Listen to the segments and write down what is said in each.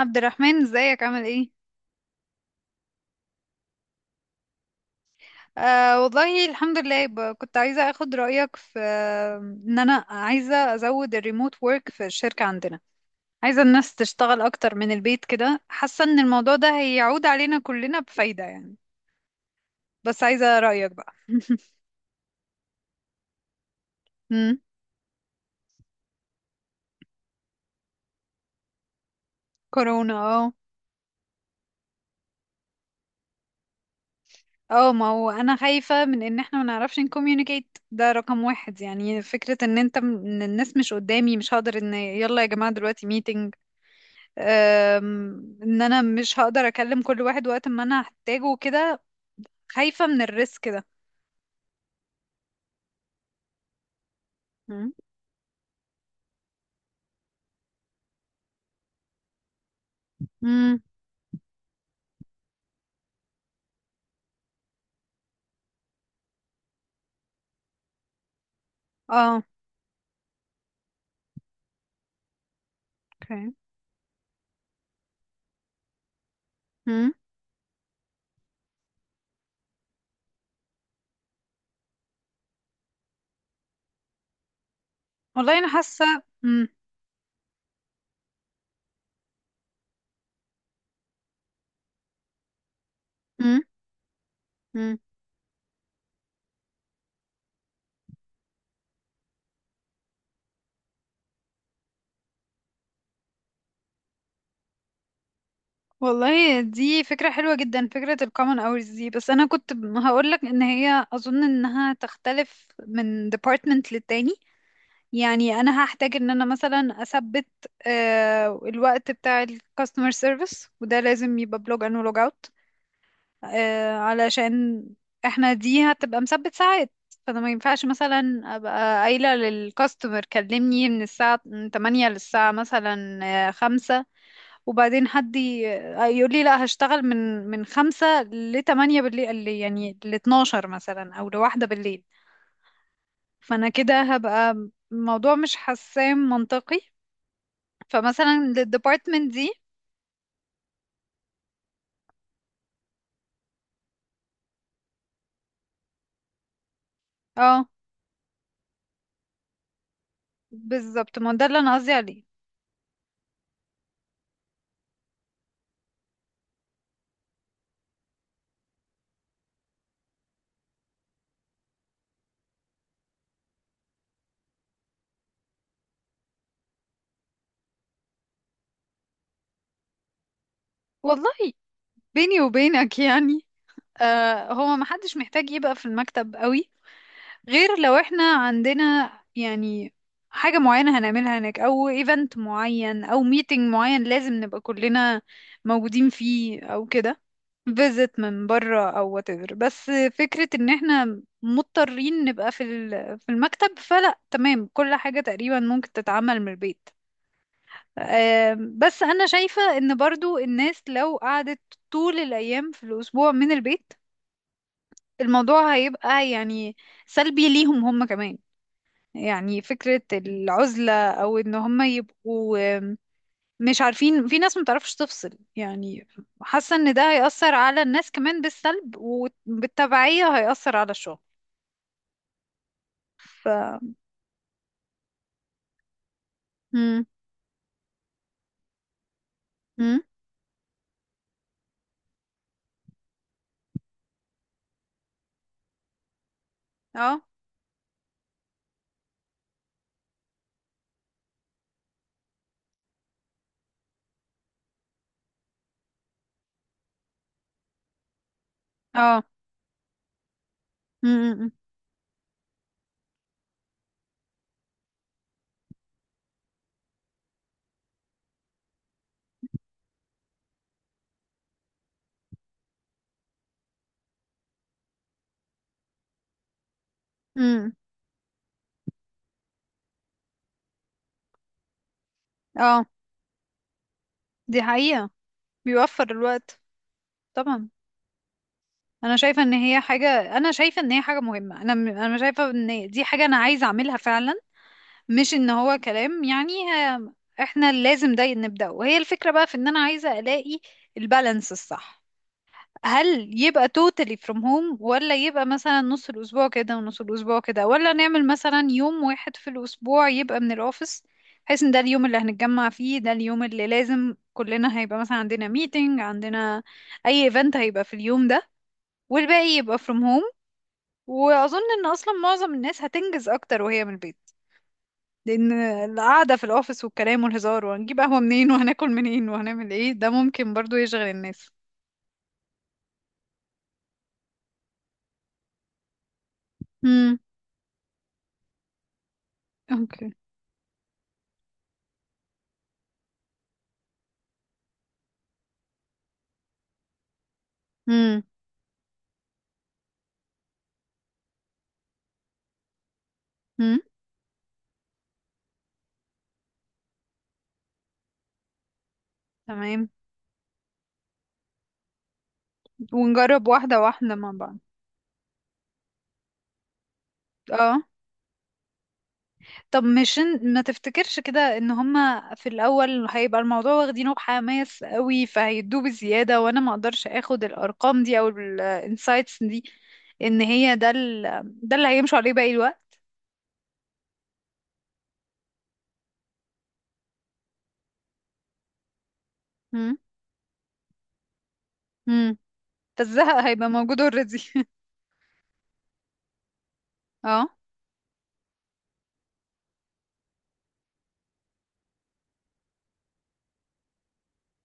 عبد الرحمن، ازيك؟ عامل ايه؟ آه والله الحمد لله. كنت عايزة اخد رأيك في ان انا عايزة ازود الريموت وورك في الشركة عندنا. عايزة الناس تشتغل اكتر من البيت، كده حاسة ان الموضوع ده هيعود علينا كلنا بفايدة يعني. بس عايزة رأيك بقى. مم، كورونا، اه. اه، ما هو انا خايفة من ان احنا ما نعرفش نكوميونيكيت، ده رقم واحد. يعني فكرة ان انت ان الناس مش قدامي، مش هقدر ان يلا يا جماعة دلوقتي meeting. ان انا مش هقدر اكلم كل واحد وقت ما انا هحتاجه وكده. خايفة من الريسك ده. مم. امم، اه، اوكي. مم. والله انا حاسة. امم. مم. مم. والله دي فكرة حلوة جدا، فكرة الكومن hours دي. بس أنا كنت هقولك إن هي أظن إنها تختلف من department للتاني. يعني أنا هحتاج إن أنا مثلا أثبت الوقت بتاع ال customer service، وده لازم يبقى بلوج ان ولوج اوت، علشان احنا دي هتبقى مثبت ساعات. فانا ما ينفعش مثلا ابقى قايله للكاستمر كلمني من الساعه 8 للساعه مثلا 5، وبعدين حد يقول لي لا، هشتغل من من 5 ل 8 بالليل، يعني ل 12 مثلا او لواحدة بالليل. فانا كده هبقى الموضوع مش حسام منطقي. فمثلا للديبارتمنت دي. اه، بالظبط، ما ده اللي انا قصدي عليه. والله بيني وبينك يعني، آه هو محدش محتاج يبقى في المكتب قوي، غير لو احنا عندنا يعني حاجة معينة هنعملها هناك، أو ايفنت معين أو ميتنج معين لازم نبقى كلنا موجودين فيه، أو كده فيزت من بره أو whatever. بس فكرة إن احنا مضطرين نبقى في في المكتب، فلا، تمام، كل حاجة تقريبا ممكن تتعمل من البيت. بس أنا شايفة إن برضو الناس لو قعدت طول الأيام في الأسبوع من البيت، الموضوع هيبقى يعني سلبي ليهم هم كمان. يعني فكرة العزلة، أو إن هم يبقوا مش عارفين، في ناس متعرفش تفصل يعني. حاسة إن ده هيأثر على الناس كمان بالسلب، وبالتبعية هيأثر على الشغل. ف مم. مم. اه، اه. مم. مم. اه، دي حقيقة، بيوفر الوقت طبعا. انا شايفه ان هي حاجه، مهمه انا شايفه ان دي حاجه انا عايزه اعملها فعلا، مش ان هو كلام يعني. احنا لازم ده نبدأ، وهي الفكرة بقى في ان انا عايزة الاقي البالانس الصح. هل يبقى totally from home، ولا يبقى مثلا نص الاسبوع كده ونص الاسبوع كده، ولا نعمل مثلا يوم واحد في الاسبوع يبقى من الاوفيس، بحيث ان ده اليوم اللي هنتجمع فيه، ده اليوم اللي لازم كلنا هيبقى مثلا عندنا meeting، عندنا اي event هيبقى في اليوم ده، والباقي يبقى from home. واظن ان اصلا معظم الناس هتنجز اكتر وهي من البيت، لان القعده في الاوفيس والكلام والهزار وهنجيب قهوه منين وهناكل منين وهنعمل ايه، ده ممكن برضو يشغل الناس. امم، اوكي. امم، امم. تمام، ونجرب واحده واحده مع بعض. اه، طب مش ما تفتكرش كده ان هما في الاول هيبقى الموضوع واخدينه بحماس قوي، فهيدوه بزياده، وانا ما اقدرش اخد الارقام دي او الانسايتس دي ان هي ده ال… ده اللي هيمشوا عليه باقي الوقت. امم، امم، فالزهق هيبقى موجود اوريدي. اه،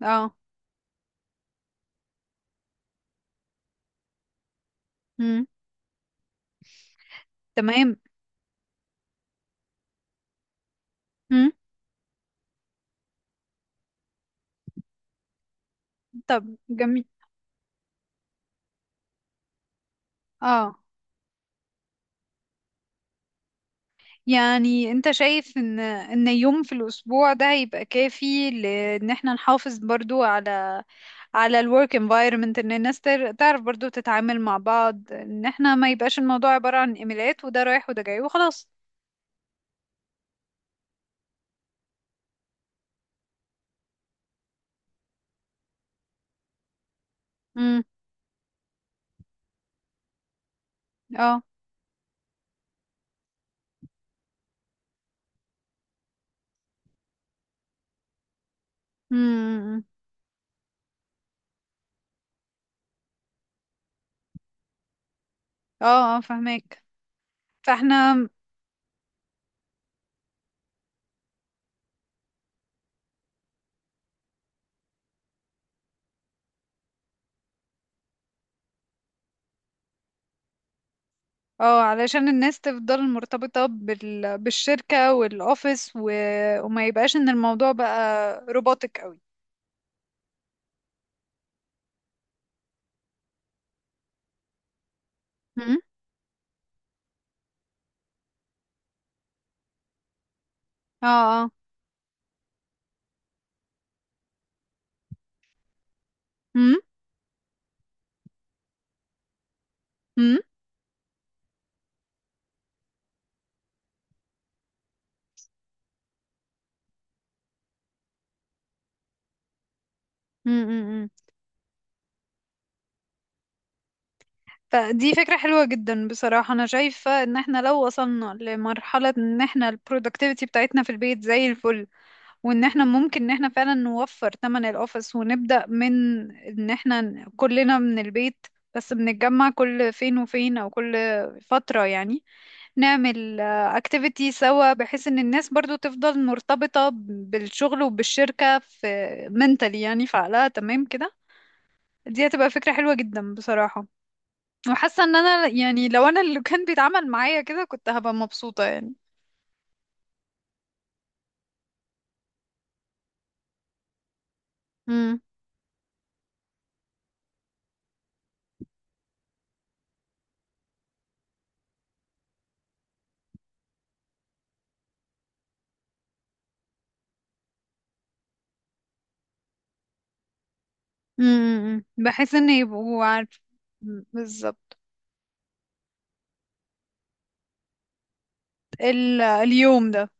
اه، تمام. مم. طب جميل. اه، يعني انت شايف ان ان يوم في الاسبوع ده هيبقى كافي، لان احنا نحافظ برضو على على الورك environment، ان الناس تعرف برضو تتعامل مع بعض، ان احنا ما يبقاش الموضوع عبارة عن ايميلات وده رايح وده جاي وخلاص. امم، اه. امم، اه، اه، فهمك. فاحنا، اه، علشان الناس تفضل مرتبطة بال… بالشركة والاوفيس و… وما يبقاش ان الموضوع بقى روبوتك قوي. اه، اه. امم، امم، امم. فدي فكرة حلوة جدا بصراحة. أنا شايفة إن احنا لو وصلنا لمرحلة إن احنا ال productivity بتاعتنا في البيت زي الفل، وإن احنا ممكن إن احنا فعلا نوفر تمن الأوفيس، ونبدأ من إن احنا كلنا من البيت، بس بنتجمع كل فين وفين، أو كل فترة يعني، نعمل activity سوا، بحيث إن الناس برضو تفضل مرتبطة بالشغل وبالشركة في mentally، يعني في عقلها، تمام كده. دي هتبقى فكرة حلوة جدا بصراحة. وحاسة ان انا يعني لو انا اللي كان بيتعامل معايا كده كنت هبقى مبسوطة يعني. امم، امم، بحيث ان يبقوا عارف. بالظبط. ال… اليوم ده.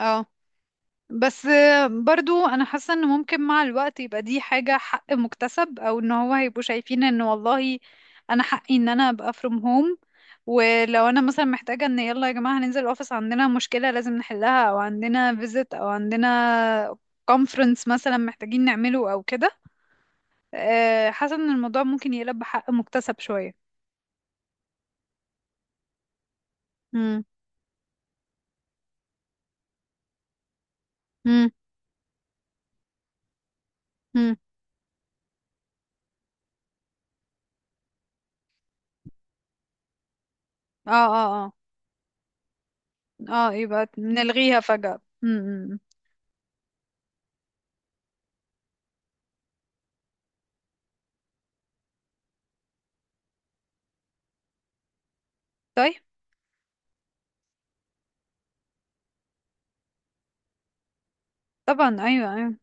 اه، بس برضو انا حاسه ان ممكن مع الوقت يبقى دي حاجه حق مكتسب، او ان هو هيبقوا شايفين ان والله انا حقي ان انا ابقى from home. ولو انا مثلا محتاجه ان يلا يا جماعه هننزل الاوفيس، عندنا مشكله لازم نحلها او عندنا visit او عندنا conference مثلا محتاجين نعمله او كده. حاسه ان الموضوع ممكن يقلب بحق مكتسب شويه. امم، امم، امم. اه، اه. اه، اه، يبقى نلغيها فجاه. امم. طيب. طبعا، ايوه ايوه.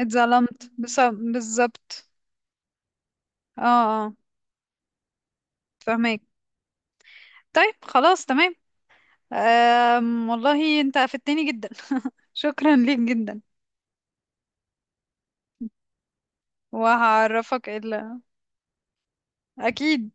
بالظبط. اه، اه، فهمك. طيب خلاص، تمام. أم، والله انت افدتني جدا. شكرا ليك جدا. وهعرفك ال… اكيد.